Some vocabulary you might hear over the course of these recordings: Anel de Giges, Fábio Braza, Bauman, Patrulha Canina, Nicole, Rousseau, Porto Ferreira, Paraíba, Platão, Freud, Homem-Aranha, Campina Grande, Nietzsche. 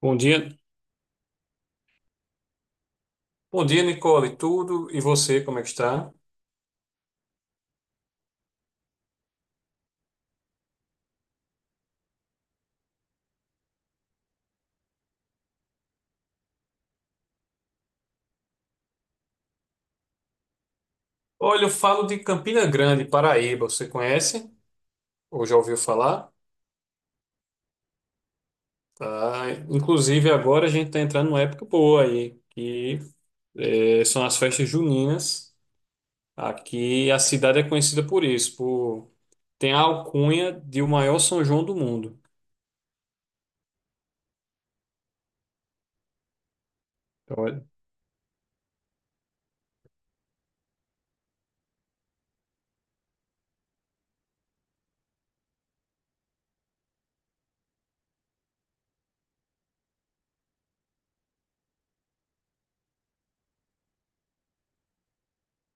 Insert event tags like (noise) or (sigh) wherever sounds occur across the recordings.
Bom dia. Bom dia, Nicole. Tudo e você, como é que está? Olha, eu falo de Campina Grande, Paraíba. Você conhece? Ou já ouviu falar? Tá. Inclusive, agora a gente está entrando numa época boa aí, que são as festas juninas. Aqui a cidade é conhecida por isso, por tem a alcunha de o maior São João do mundo. Então, É,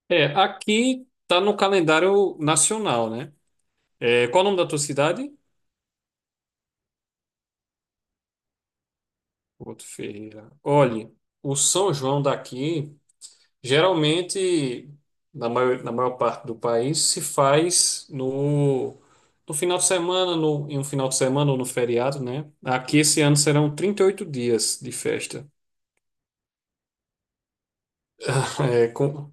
É, aqui está no calendário nacional, né? É, qual o nome da tua cidade? Porto Ferreira. Olhe, o São João daqui. Geralmente, na maior parte do país, se faz no final de semana, no, em um final de semana ou no feriado, né? Aqui esse ano serão 38 dias de festa. É,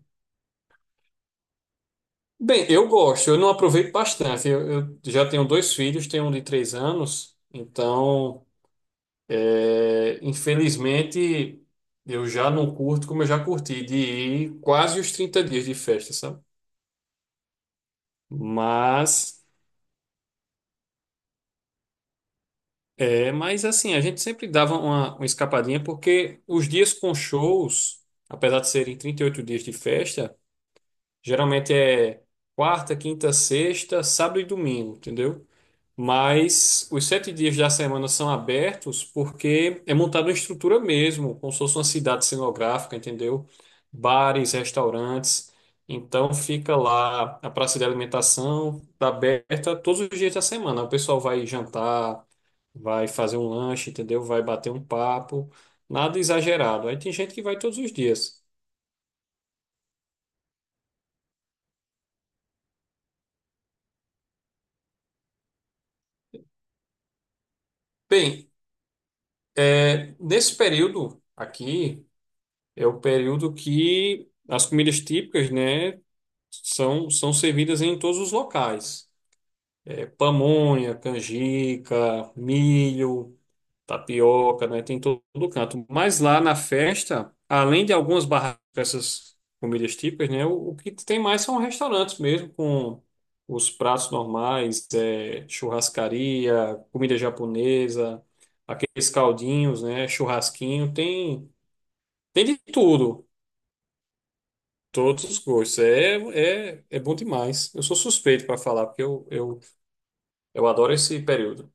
bem, eu gosto, eu não aproveito bastante. Eu já tenho dois filhos, tenho um de 3 anos, então, infelizmente, eu já não curto como eu já curti, de ir quase os 30 dias de festa, sabe? Mas. É, mas assim, a gente sempre dava uma escapadinha, porque os dias com shows, apesar de serem 38 dias de festa, geralmente é quarta, quinta, sexta, sábado e domingo, entendeu? Mas os 7 dias da semana são abertos porque é montada uma estrutura mesmo, como se fosse uma cidade cenográfica, entendeu? Bares, restaurantes. Então fica lá a praça de alimentação, tá aberta todos os dias da semana. O pessoal vai jantar, vai fazer um lanche, entendeu? Vai bater um papo. Nada exagerado. Aí tem gente que vai todos os dias. Bem, nesse período aqui é o período que as comidas típicas, né? são servidas em todos os locais. É, pamonha, canjica, milho, tapioca, né? Tem todo canto. Mas lá na festa, além de algumas barracas com essas comidas típicas, né? O que tem mais são restaurantes mesmo, com os pratos normais, churrascaria, comida japonesa, aqueles caldinhos, né? Churrasquinho, tem de tudo. Todos os gostos. É bom demais. Eu sou suspeito para falar, porque eu adoro esse período.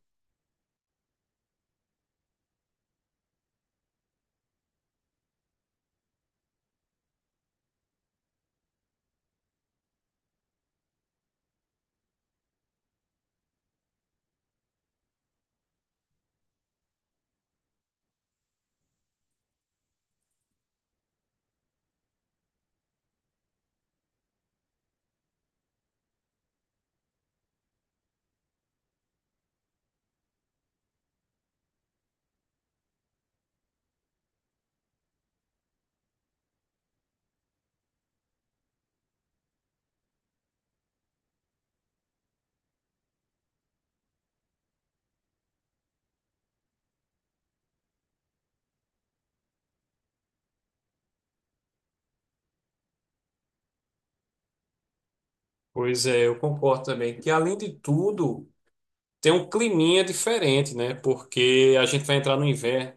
Pois é, eu concordo também que, além de tudo, tem um climinha diferente, né? Porque a gente vai entrar no inverno.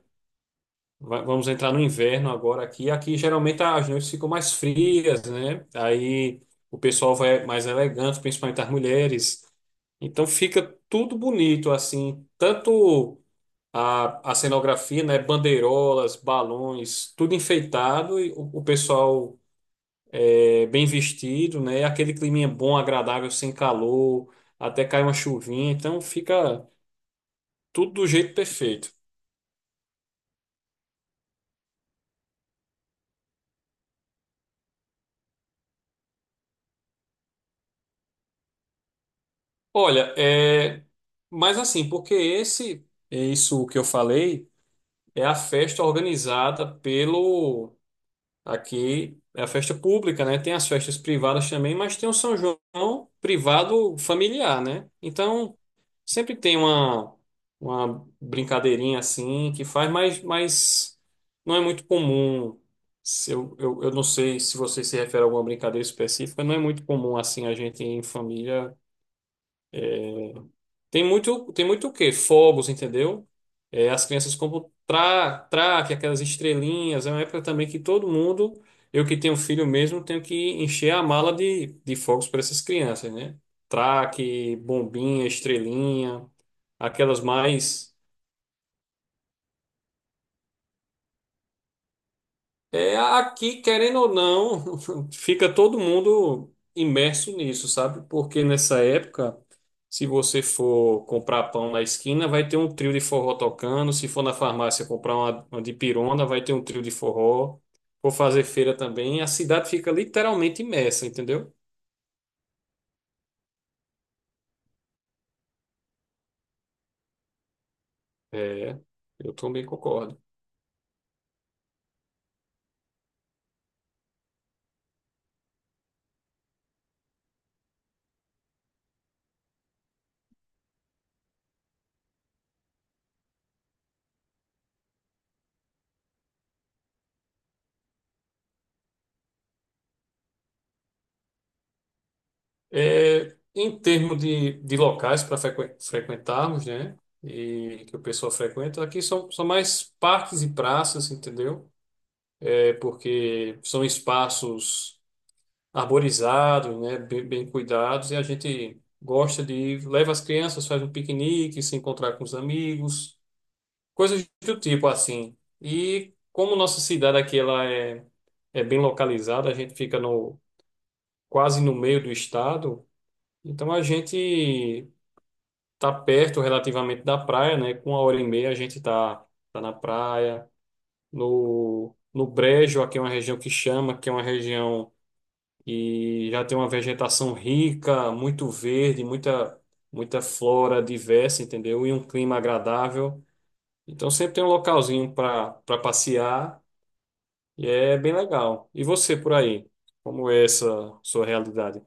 Vamos entrar no inverno agora aqui. Aqui geralmente as noites ficam mais frias, né? Aí o pessoal vai mais elegante, principalmente as mulheres. Então fica tudo bonito, assim. Tanto. A cenografia, né? Bandeirolas, balões, tudo enfeitado e o pessoal bem vestido, né? Aquele climinha bom, agradável, sem calor, até cai uma chuvinha, então fica tudo do jeito perfeito. Olha, mas assim, porque esse, é isso que eu falei, é a festa organizada pelo aqui é a festa pública, né? Tem as festas privadas também, mas tem o São João privado familiar, né? Então, sempre tem uma brincadeirinha assim que faz, mas não é muito comum. Se Eu, eu não sei se você se refere a alguma brincadeira específica, não é muito comum assim a gente em família tem muito o quê? Fogos, entendeu? É, as crianças compram traque, aquelas estrelinhas. É uma época também que todo mundo, eu que tenho filho mesmo, tenho que encher a mala de fogos para essas crianças, né? Traque, bombinha, estrelinha, aquelas mais. É, aqui, querendo ou não, (laughs) fica todo mundo imerso nisso, sabe? Porque nessa época, se você for comprar pão na esquina, vai ter um trio de forró tocando. Se for na farmácia comprar uma de pirona, vai ter um trio de forró. For fazer feira também, a cidade fica literalmente imersa, entendeu? É, eu também concordo. É, em termos de locais para frequentarmos, né? E que o pessoal frequenta, aqui são mais parques e praças, entendeu? É porque são espaços arborizados, né? Bem, bem cuidados, e a gente gosta de ir, leva as crianças, faz um piquenique, se encontrar com os amigos, coisas do tipo assim. E como nossa cidade aqui ela é bem localizada, a gente fica quase no meio do estado. Então a gente tá perto relativamente da praia, né? Com uma hora e meia a gente tá na praia. No Brejo, aqui é uma região que chama, que é uma região que já tem uma vegetação rica, muito verde, muita, muita flora diversa, entendeu? E um clima agradável. Então sempre tem um localzinho para passear e é bem legal. E você por aí? Como é essa sua realidade?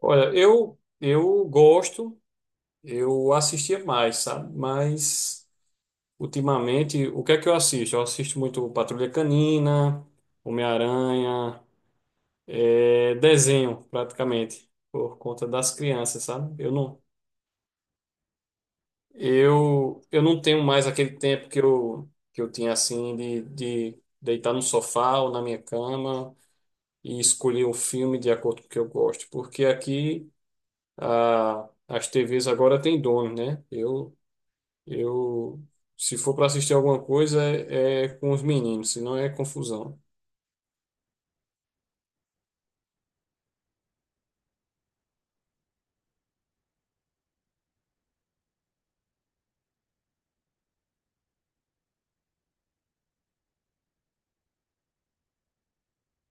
Olha, eu gosto, eu assistia mais, sabe? Mas ultimamente, o que é que eu assisto? Eu assisto muito Patrulha Canina, Homem-Aranha, desenho, praticamente, por conta das crianças, sabe? Eu não tenho mais aquele tempo que eu tinha, assim, de deitar no sofá ou na minha cama e escolher um filme de acordo com o que eu gosto, porque aqui as TVs agora têm dono, né? Eu se for para assistir alguma coisa, é com os meninos, senão é confusão.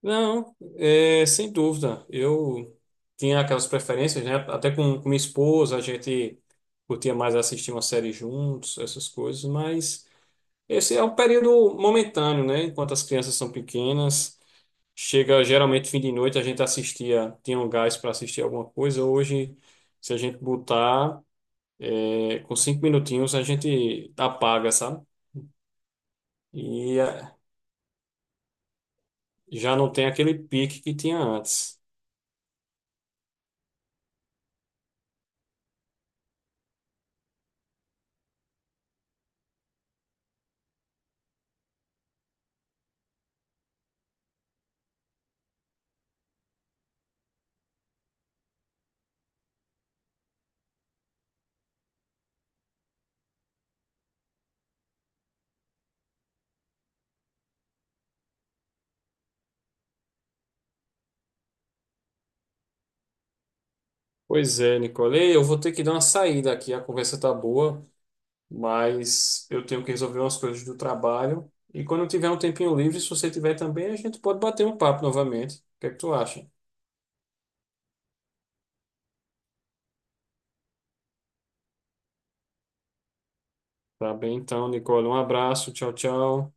Não, sem dúvida. Eu tinha aquelas preferências, né? Até com minha esposa, a gente curtia mais assistir uma série juntos, essas coisas, mas esse é um período momentâneo, né? Enquanto as crianças são pequenas, chega geralmente fim de noite, a gente assistia, tinha um gás para assistir alguma coisa. Hoje, se a gente botar, com 5 minutinhos, a gente apaga, sabe? E já não tem aquele pique que tinha antes. Pois é, Nicole. Eu vou ter que dar uma saída aqui. A conversa tá boa, mas eu tenho que resolver umas coisas do trabalho. E quando eu tiver um tempinho livre, se você tiver também, a gente pode bater um papo novamente. O que é que tu acha? Tá bem, então, Nicole. Um abraço. Tchau, tchau.